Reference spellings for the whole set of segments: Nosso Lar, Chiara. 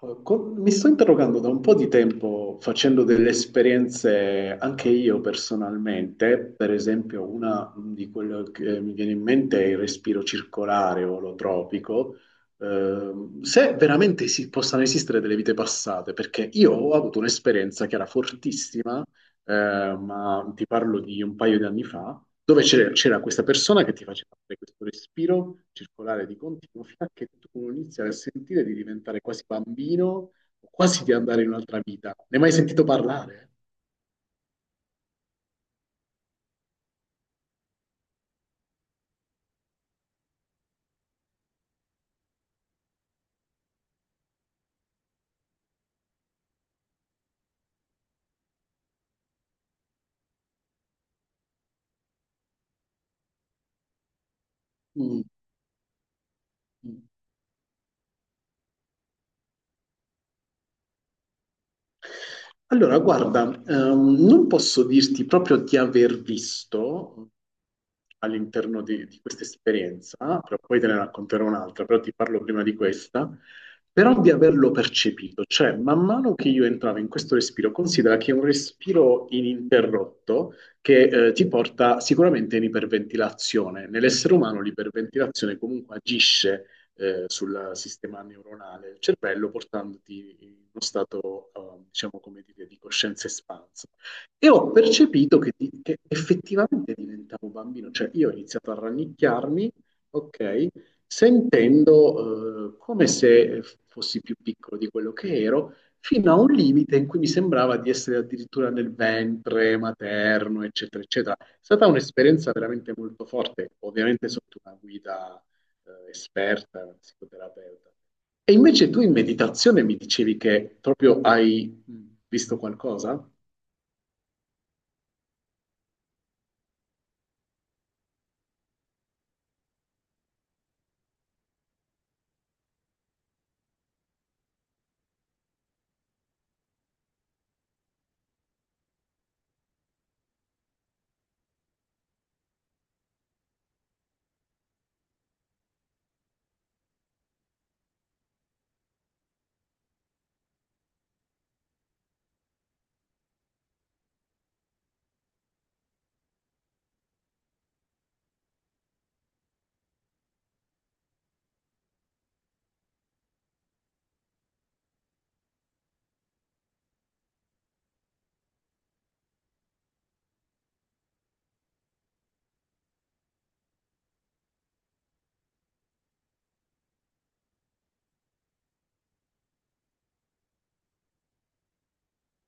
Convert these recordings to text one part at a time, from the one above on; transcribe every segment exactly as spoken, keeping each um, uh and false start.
Allora, con- mi sto interrogando da un po' di tempo facendo delle esperienze anche io personalmente, per esempio una di quelle che mi viene in mente è il respiro circolare o olotropico, ehm, se veramente si- possano esistere delle vite passate, perché io ho avuto un'esperienza che era fortissima eh, ma ti parlo di un paio di anni fa, dove c'era c'era questa persona che ti faceva fare questo respiro circolare di continuo fino a che tu iniziavi a sentire di diventare quasi bambino o quasi di andare in un'altra vita. Ne hai mai sentito parlare? Mm. Mm. Allora, guarda, ehm, non posso dirti proprio di aver visto all'interno di, di questa esperienza, però poi te ne racconterò un'altra, però ti parlo prima di questa, però di averlo percepito, cioè man mano che io entravo in questo respiro, considera che è un respiro ininterrotto che eh, ti porta sicuramente in iperventilazione. Nell'essere umano l'iperventilazione comunque agisce eh, sul sistema neuronale del cervello, portandoti in uno stato, eh, diciamo, come dire, di coscienza espansa. E ho percepito che, di- che effettivamente diventavo bambino, cioè io ho iniziato a rannicchiarmi, ok, sentendo eh, come se fossi più piccolo di quello che ero, fino a un limite in cui mi sembrava di essere addirittura nel ventre materno, eccetera, eccetera. È stata un'esperienza veramente molto forte, ovviamente sotto una guida eh, esperta, una psicoterapeuta. E invece tu in meditazione mi dicevi che proprio hai visto qualcosa?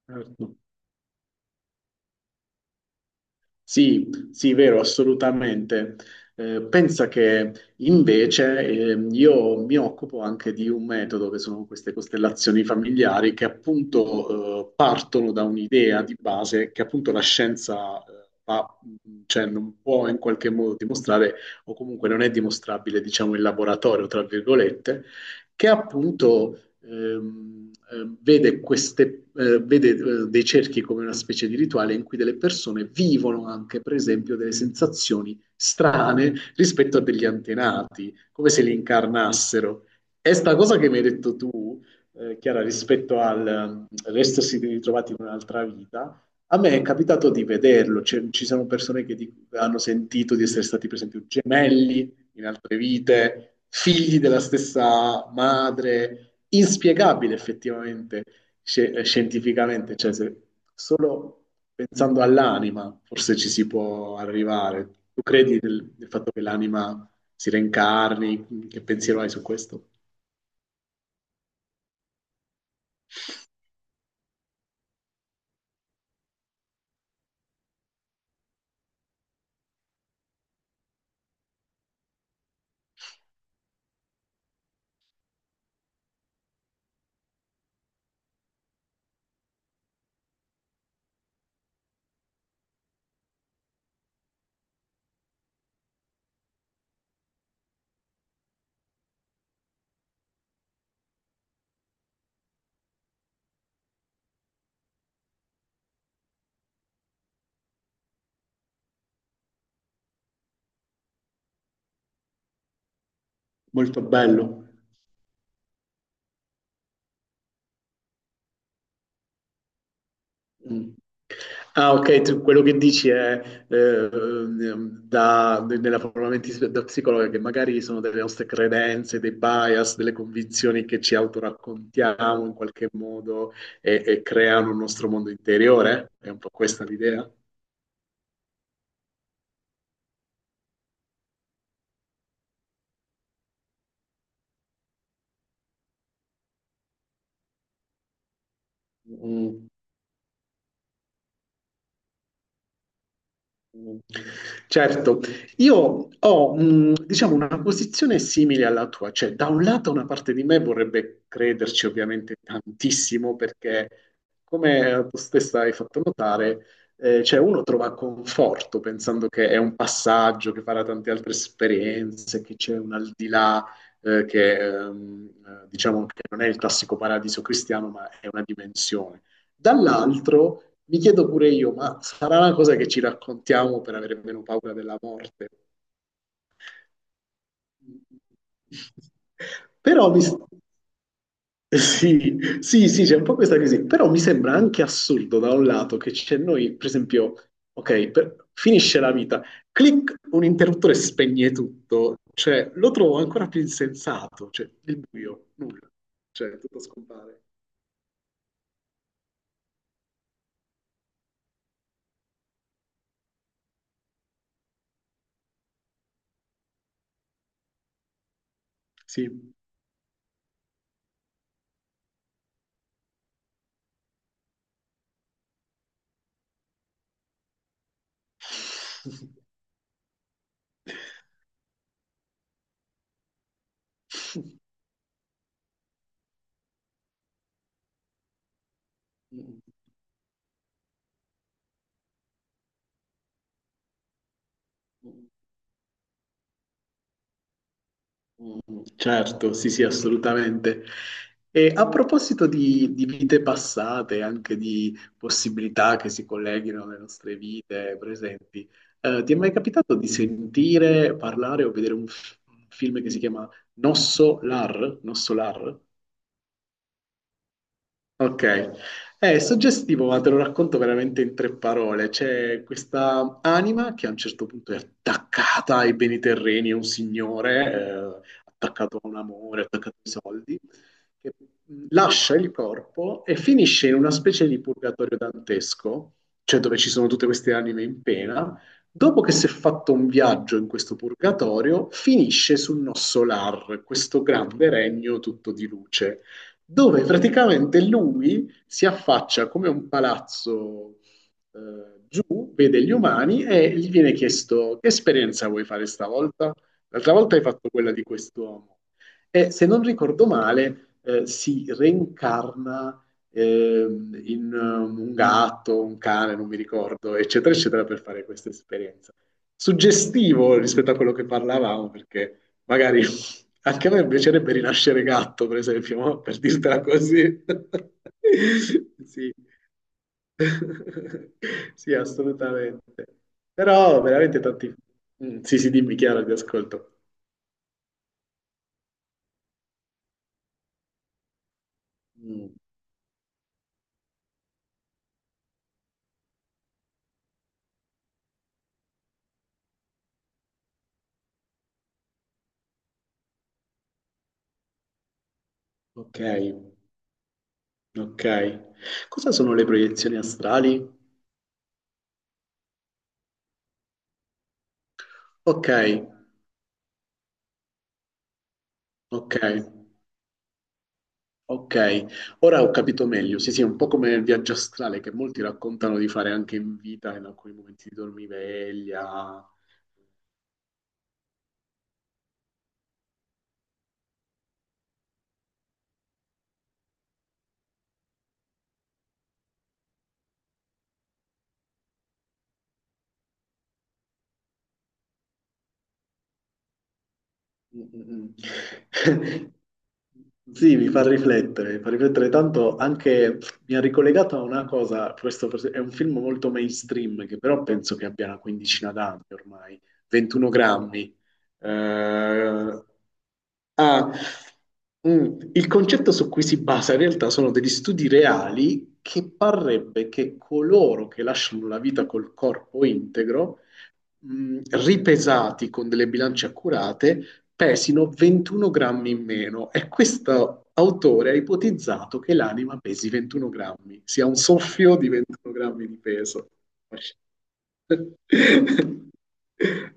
Certo. Sì, sì, vero, assolutamente. Eh, pensa che invece ehm, io mi occupo anche di un metodo che sono queste costellazioni familiari che appunto eh, partono da un'idea di base che appunto la scienza eh, fa- mm, cioè, non può in qualche modo dimostrare o comunque non è dimostrabile, diciamo, in laboratorio, tra virgolette, che appunto ehm, ehm, vede, queste, eh, vede eh, dei cerchi come una specie di rituale in cui delle persone vivono anche, per esempio, delle sensazioni strane rispetto a degli antenati, come se li incarnassero. E sta cosa che mi hai detto tu, eh, Chiara, rispetto al l'essersi ritrovati in un'altra vita, a me è capitato di vederlo, cioè, ci sono persone che di- hanno sentito di essere stati per esempio gemelli in altre vite, figli della stessa madre, inspiegabile effettivamente, sce- scientificamente, cioè se solo pensando all'anima forse ci si può arrivare. Tu credi nel, nel fatto che l'anima si reincarni? Che pensiero hai su questo? Molto bello. Mm. Ah, ok, tu- quello che dici è eh, ehm, da- nella forma mentis- da psicologa che magari sono delle nostre credenze, dei bias, delle convinzioni che ci autoraccontiamo in qualche modo e, e creano un nostro mondo interiore? È un po' questa l'idea? Mm. Certo, io ho, mh, diciamo, una posizione simile alla tua, cioè da un lato una parte di me vorrebbe crederci ovviamente tantissimo perché, come tu stessa hai fatto notare, eh, cioè uno trova conforto pensando che è un passaggio, che farà tante altre esperienze, che c'è un al di là, eh, che ehm, eh, diciamo che non è il classico paradiso cristiano, ma è una dimensione. Dall'altro mi chiedo pure io, ma sarà una cosa che ci raccontiamo per avere meno paura della morte. Però mi... s- sì, sì, sì, c'è un po' questa crisi, però mi sembra anche assurdo da un lato che c'è noi, per esempio, ok, per- finisce la vita, clic, un interruttore spegne tutto, cioè lo trovo ancora più insensato, cioè il buio, nulla, cioè tutto scompare. Sì. Mm, certo, sì, sì, assolutamente. E a proposito di, di vite passate, anche di possibilità che si colleghino alle nostre vite presenti, eh, ti è mai capitato di sentire, parlare o vedere un, f- un film che si chiama Nosso Lar? Nosso Lar? Ok, è suggestivo, ma te lo racconto veramente in tre parole. C'è questa anima che a un certo punto è attaccata ai beni terreni, è un signore, eh, attaccato a un amore, attaccato ai soldi, che mh, lascia il corpo e finisce in una specie di purgatorio dantesco, cioè dove ci sono tutte queste anime in pena. Dopo che si è fatto un viaggio in questo purgatorio, finisce sul Nossolar, questo grande regno tutto di luce dove praticamente lui si affaccia come un palazzo eh, giù, vede gli umani e gli viene chiesto che esperienza vuoi fare stavolta? L'altra volta hai fatto quella di quest'uomo. E se non ricordo male, eh, si reincarna ehm, in ehm, un gatto, un cane, non mi ricordo, eccetera, eccetera, per fare questa esperienza. Suggestivo rispetto a quello che parlavamo, perché magari anche a me piacerebbe rinascere gatto, per esempio, ma per dirtela così. Sì. Sì, assolutamente. Però veramente tanti... Mm, sì, sì, dimmi chiaro, ti ascolto. Mm, ok, ok. Cosa sono le proiezioni astrali? Ok, ok, ok. Ora ho capito meglio. Sì, sì, è un po' come il viaggio astrale che molti raccontano di fare anche in vita, in alcuni momenti di dormiveglia. Mm, mm. Sì, mi fa riflettere, mi fa riflettere tanto anche, mi ha ricollegato a una cosa, questo forse- è un film molto mainstream che però penso che abbia una quindicina d'anni ormai, ventuno grammi. Eh, ah, mm, il concetto su cui si basa in realtà sono degli studi reali che parrebbe che coloro che lasciano la vita col corpo integro mh, ripesati con delle bilance accurate, pesino ventuno grammi in meno e questo autore ha ipotizzato che l'anima pesi ventuno grammi, sia un soffio di ventuno grammi di peso.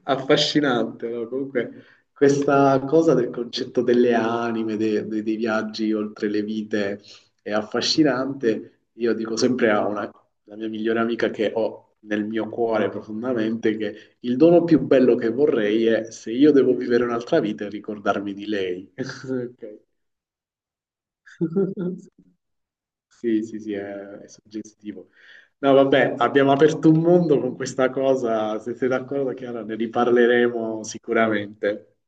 Affascinante, no? Comunque questa cosa del concetto delle anime, de- de- dei viaggi oltre le vite è affascinante. Io dico sempre a una, la mia migliore amica che ho nel mio cuore profondamente che il dono più bello che vorrei è, se io devo vivere un'altra vita, ricordarmi di lei. Ok. Sì, sì, sì, è, è suggestivo. No, vabbè, abbiamo aperto un mondo con questa cosa. Se sei d'accordo, Chiara, ne riparleremo sicuramente.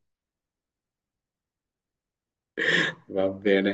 Va bene.